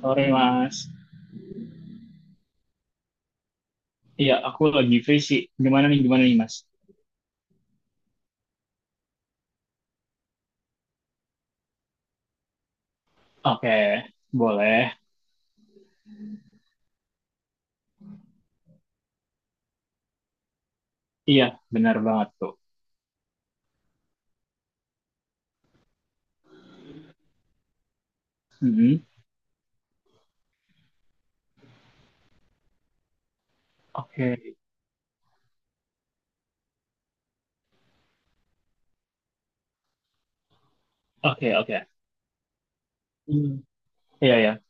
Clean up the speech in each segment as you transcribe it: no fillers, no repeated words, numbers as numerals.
Sore, Mas. Iya, aku lagi free sih. Gimana nih, Mas? Oke, boleh. Iya, benar banget tuh. Mm-mm. Oke, oke, oke. Hmm. Iya, ya.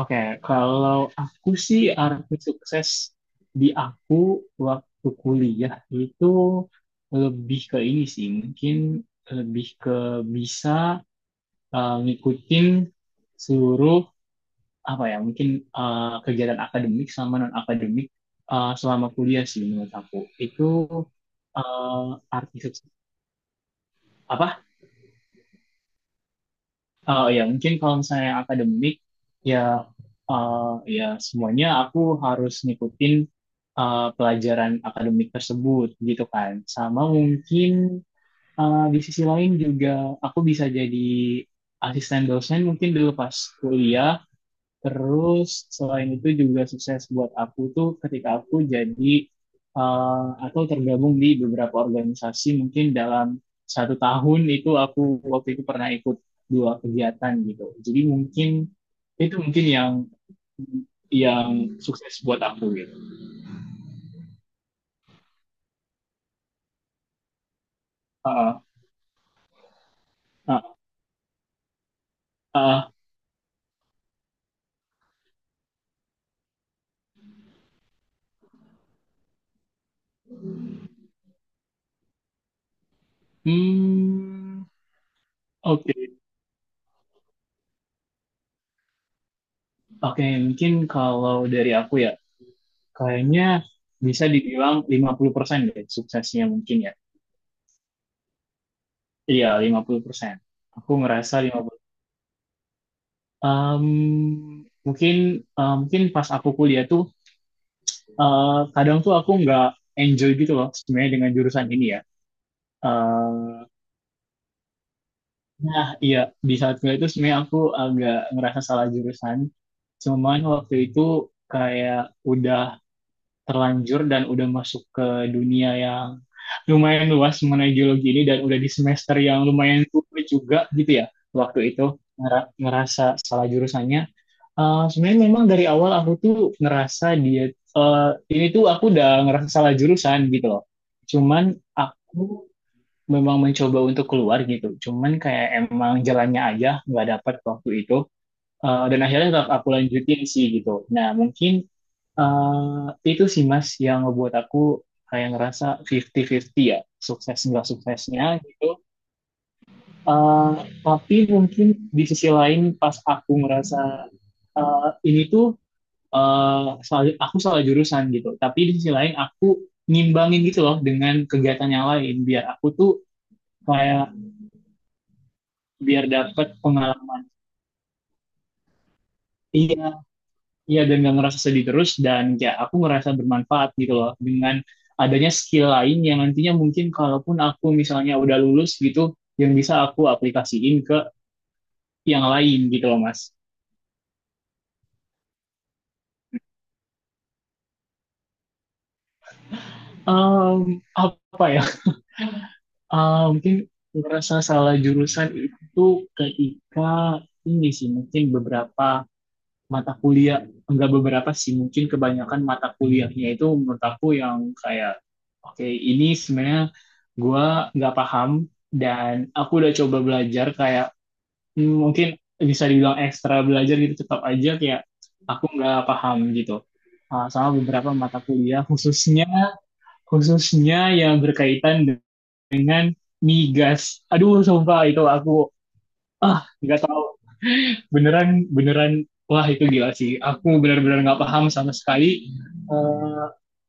Oke, kalau aku sih arti sukses di aku waktu kuliah itu lebih ke ini sih, mungkin lebih ke bisa ngikutin seluruh apa ya mungkin kegiatan akademik sama non akademik selama kuliah sih menurut aku itu arti apa ya mungkin kalau misalnya akademik ya eh, ya semuanya aku harus ngikutin pelajaran akademik tersebut gitu kan, sama mungkin di sisi lain juga aku bisa jadi asisten dosen mungkin dulu pas kuliah. Terus selain itu juga sukses buat aku tuh ketika aku jadi eh, atau tergabung di beberapa organisasi mungkin dalam satu tahun itu aku waktu itu pernah ikut dua kegiatan gitu. Jadi mungkin itu mungkin yang yang sukses buat aku gitu. Heeh, heeh, heeh. Hmm. Oke. Okay. Oke, okay, mungkin kalau dari aku ya, kayaknya bisa dibilang 50% deh suksesnya mungkin ya. Iya, 50%. Aku ngerasa 50. Em, Mungkin mungkin pas aku kuliah tuh kadang tuh aku nggak enjoy gitu loh sebenarnya dengan jurusan ini ya. Eh, nah, iya, di saat kuliah itu sebenarnya aku agak ngerasa salah jurusan. Cuman waktu itu kayak udah terlanjur dan udah masuk ke dunia yang lumayan luas mengenai geologi ini dan udah di semester yang lumayan tua juga gitu ya waktu itu. Ngerasa salah jurusannya. Sebenarnya memang dari awal aku tuh ngerasa dia ini tuh aku udah ngerasa salah jurusan gitu loh. Cuman aku memang mencoba untuk keluar gitu. Cuman kayak emang jalannya aja nggak dapat waktu itu. Dan akhirnya tetap aku lanjutin sih gitu. Nah mungkin itu sih Mas yang ngebuat aku kayak ngerasa 50-50 ya, sukses nggak suksesnya gitu. Eh, tapi mungkin di sisi lain pas aku ngerasa ini tuh aku salah jurusan gitu. Tapi di sisi lain aku ngimbangin gitu loh dengan kegiatan yang lain biar aku tuh kayak biar dapat pengalaman. Iya, iya dan gak ngerasa sedih terus dan ya aku ngerasa bermanfaat gitu loh dengan adanya skill lain yang nantinya mungkin kalaupun aku misalnya udah lulus gitu, yang bisa aku aplikasiin ke yang lain gitu loh Mas. Em, Apa ya? Ah, mungkin merasa salah jurusan itu ketika ini sih mungkin beberapa mata kuliah, enggak beberapa sih mungkin kebanyakan mata kuliahnya itu menurut aku yang kayak oke ini sebenarnya gua nggak paham, dan aku udah coba belajar kayak mungkin bisa dibilang ekstra belajar gitu tetap aja kayak aku nggak paham gitu. Ah, sama beberapa mata kuliah khususnya khususnya yang berkaitan dengan migas. Aduh, sumpah itu aku ah nggak tahu, beneran, beneran, wah itu gila sih. Aku benar-benar nggak paham sama sekali eh,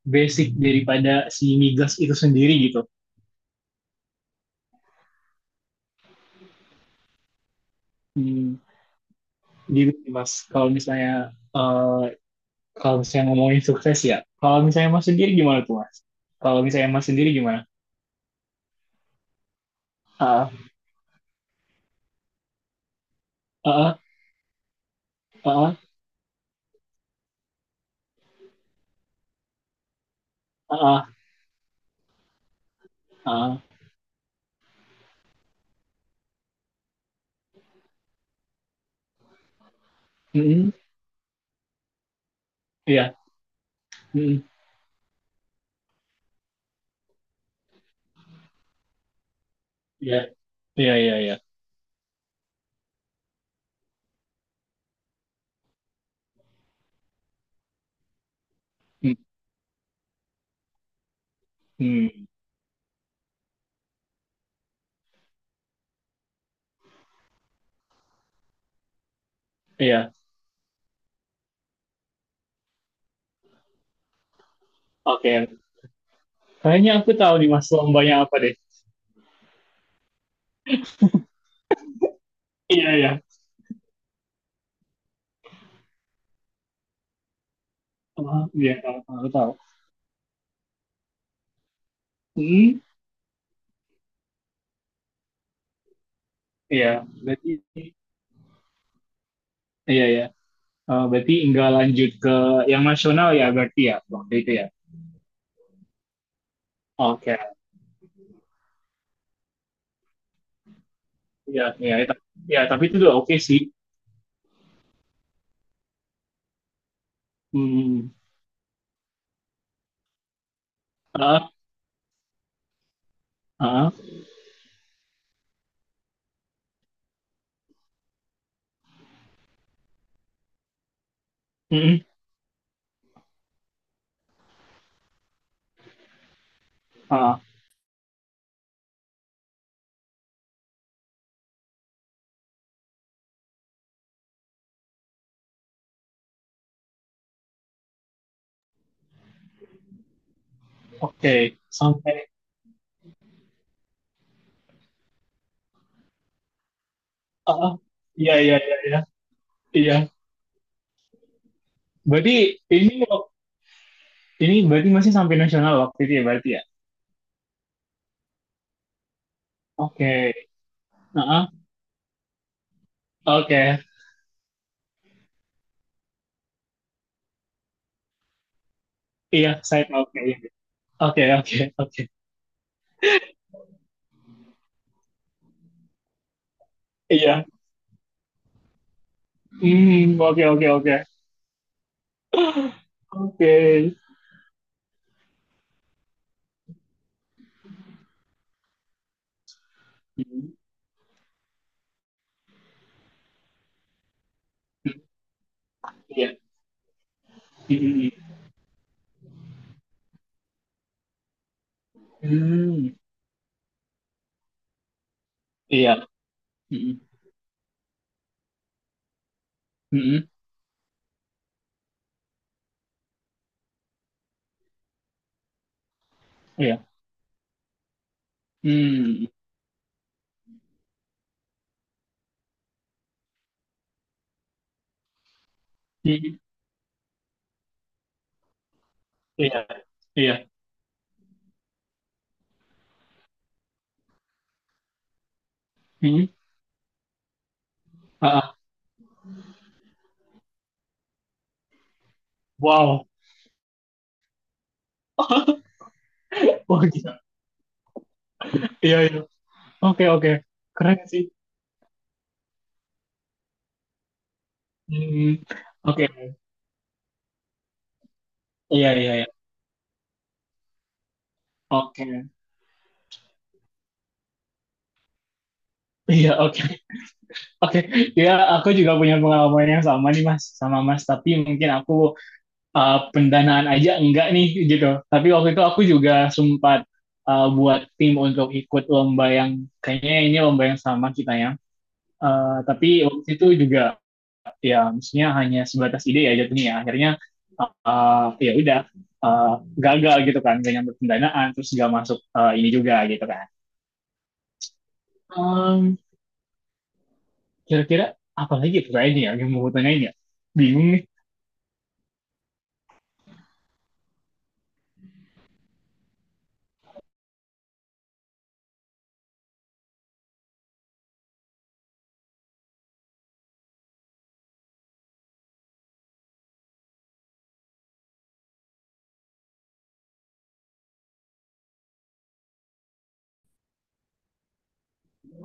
basic daripada si migas itu sendiri gitu. Hmm, gitu sih, Mas. Kalau misalnya eh, kalau misalnya ngomongin sukses ya. Kalau misalnya Mas sendiri gimana tuh Mas? Kalau misalnya Mas sendiri gimana? Ah, ah, ah, ah, ah, ah. Mm-mm. Iya, mm-mm. Iya, iya, iya, iya. Mm, mm, iya. Oke, kayaknya aku tahu nih mas lombanya apa deh. Iya, iya. Ah, iya, tahu, tahu, tahu. Hmm, iya, berarti iya ya. Berarti nggak lanjut ke yang nasional ya berarti ya waktu itu ya. Oke. Iya, iya itu, ya tapi itu udah oke sih. Hmm, ah, ah, hmm, ah, oke, sampai ah, iya, iya, iya, iya, iya. Berarti ini ini berarti masih sampai nasional waktu itu ya berarti ya. Oke, ah, ah, oke. Iya, saya tahu, oke. Iya. Oke, oke, oke. Iya. Hmm, oke, oke, oke. Oke. Hmm. Iya. Hmm, hmm. Iya. Hmm, hmm. Iya. Hmm, hmm. Iya. Iya. Hmm. Ah, ah. Wow. Wah, gila. Iya, iya. Oke, oke. Keren sih. Hmm. Oke. Iya, iya, iya. Oke. Iya, oke. Oke. Iya, aku juga punya pengalaman yang sama nih, Mas. Sama Mas, tapi mungkin aku pendanaan aja enggak nih gitu. Tapi waktu itu aku juga sempat buat tim untuk ikut lomba yang kayaknya ini lomba yang sama kita ya. Tapi waktu itu juga ya maksudnya hanya sebatas ide ya jatuhnya. Ya. Akhirnya ya udah eh, gagal gitu kan, gak nyampe pendanaan terus gak masuk ini juga gitu kan. Em, Kira-kira apa lagi tuh kayaknya ya yang mau tanyain ya? Bingung nih.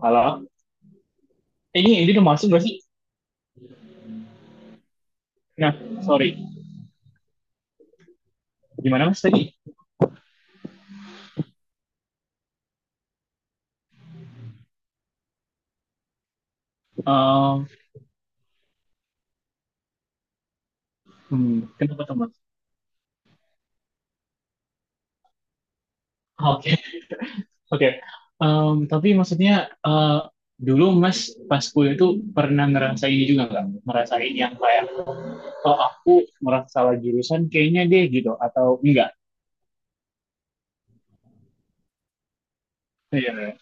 Halo, ini udah masuk gak sih? Nah, sorry. Gimana mas tadi? Em, Hmm, kenapa tuh Mas? Oke, oke. Tapi maksudnya eh, dulu Mas pas kuliah itu pernah ngerasain ini juga nggak? Ngerasain yang kayak, oh aku merasa salah jurusan kayaknya deh gitu, atau enggak? Iya. Iya.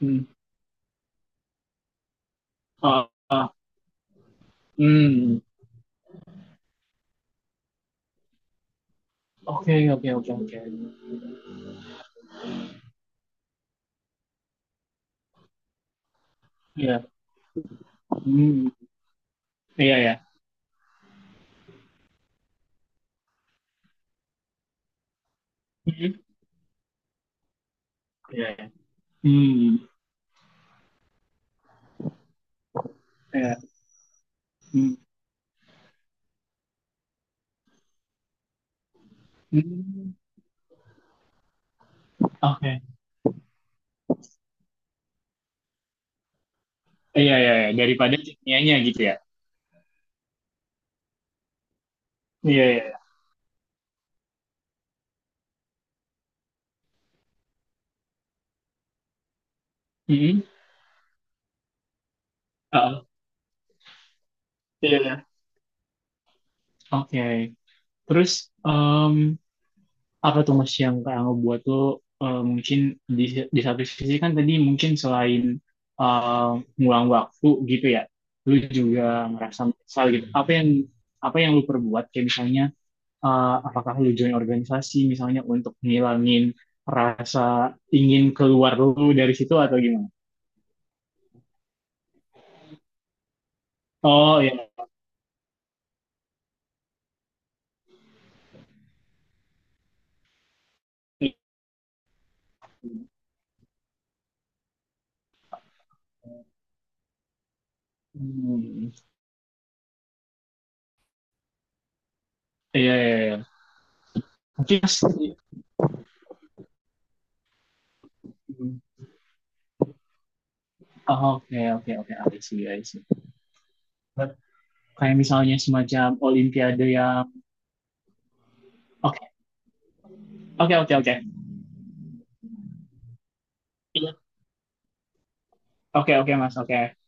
Hmm. Oh, oh. Hmm. Oke, oke, oke, oke. Iya. Hmm. Iya, ya. Iya, iya. Ya. Hmm. Iya. Hmm. Hmm. Oke. Iya, iya, iya. Daripada nianya gitu ya. Iya, iya. Iya. Hmm. Oh. Iya, iya. Oke. Terus apa tuh Mas yang Kak Angga buat tuh mungkin di, di satu sisi kan tadi mungkin selain eh, ngulang waktu gitu ya, lu juga merasa menyesal gitu. Apa yang lu perbuat kayak misalnya apakah lu join organisasi misalnya untuk ngilangin rasa ingin keluar lu dari situ atau gimana? Oh iya. Hmm. Iya, iya, iya. Mungkin Mas- Hmm. Oh, oke, oke, oke. I see, I see. Kayak misalnya semacam olimpiade yang oke, oke, oke, oke. Iya, oke, oke mas oke.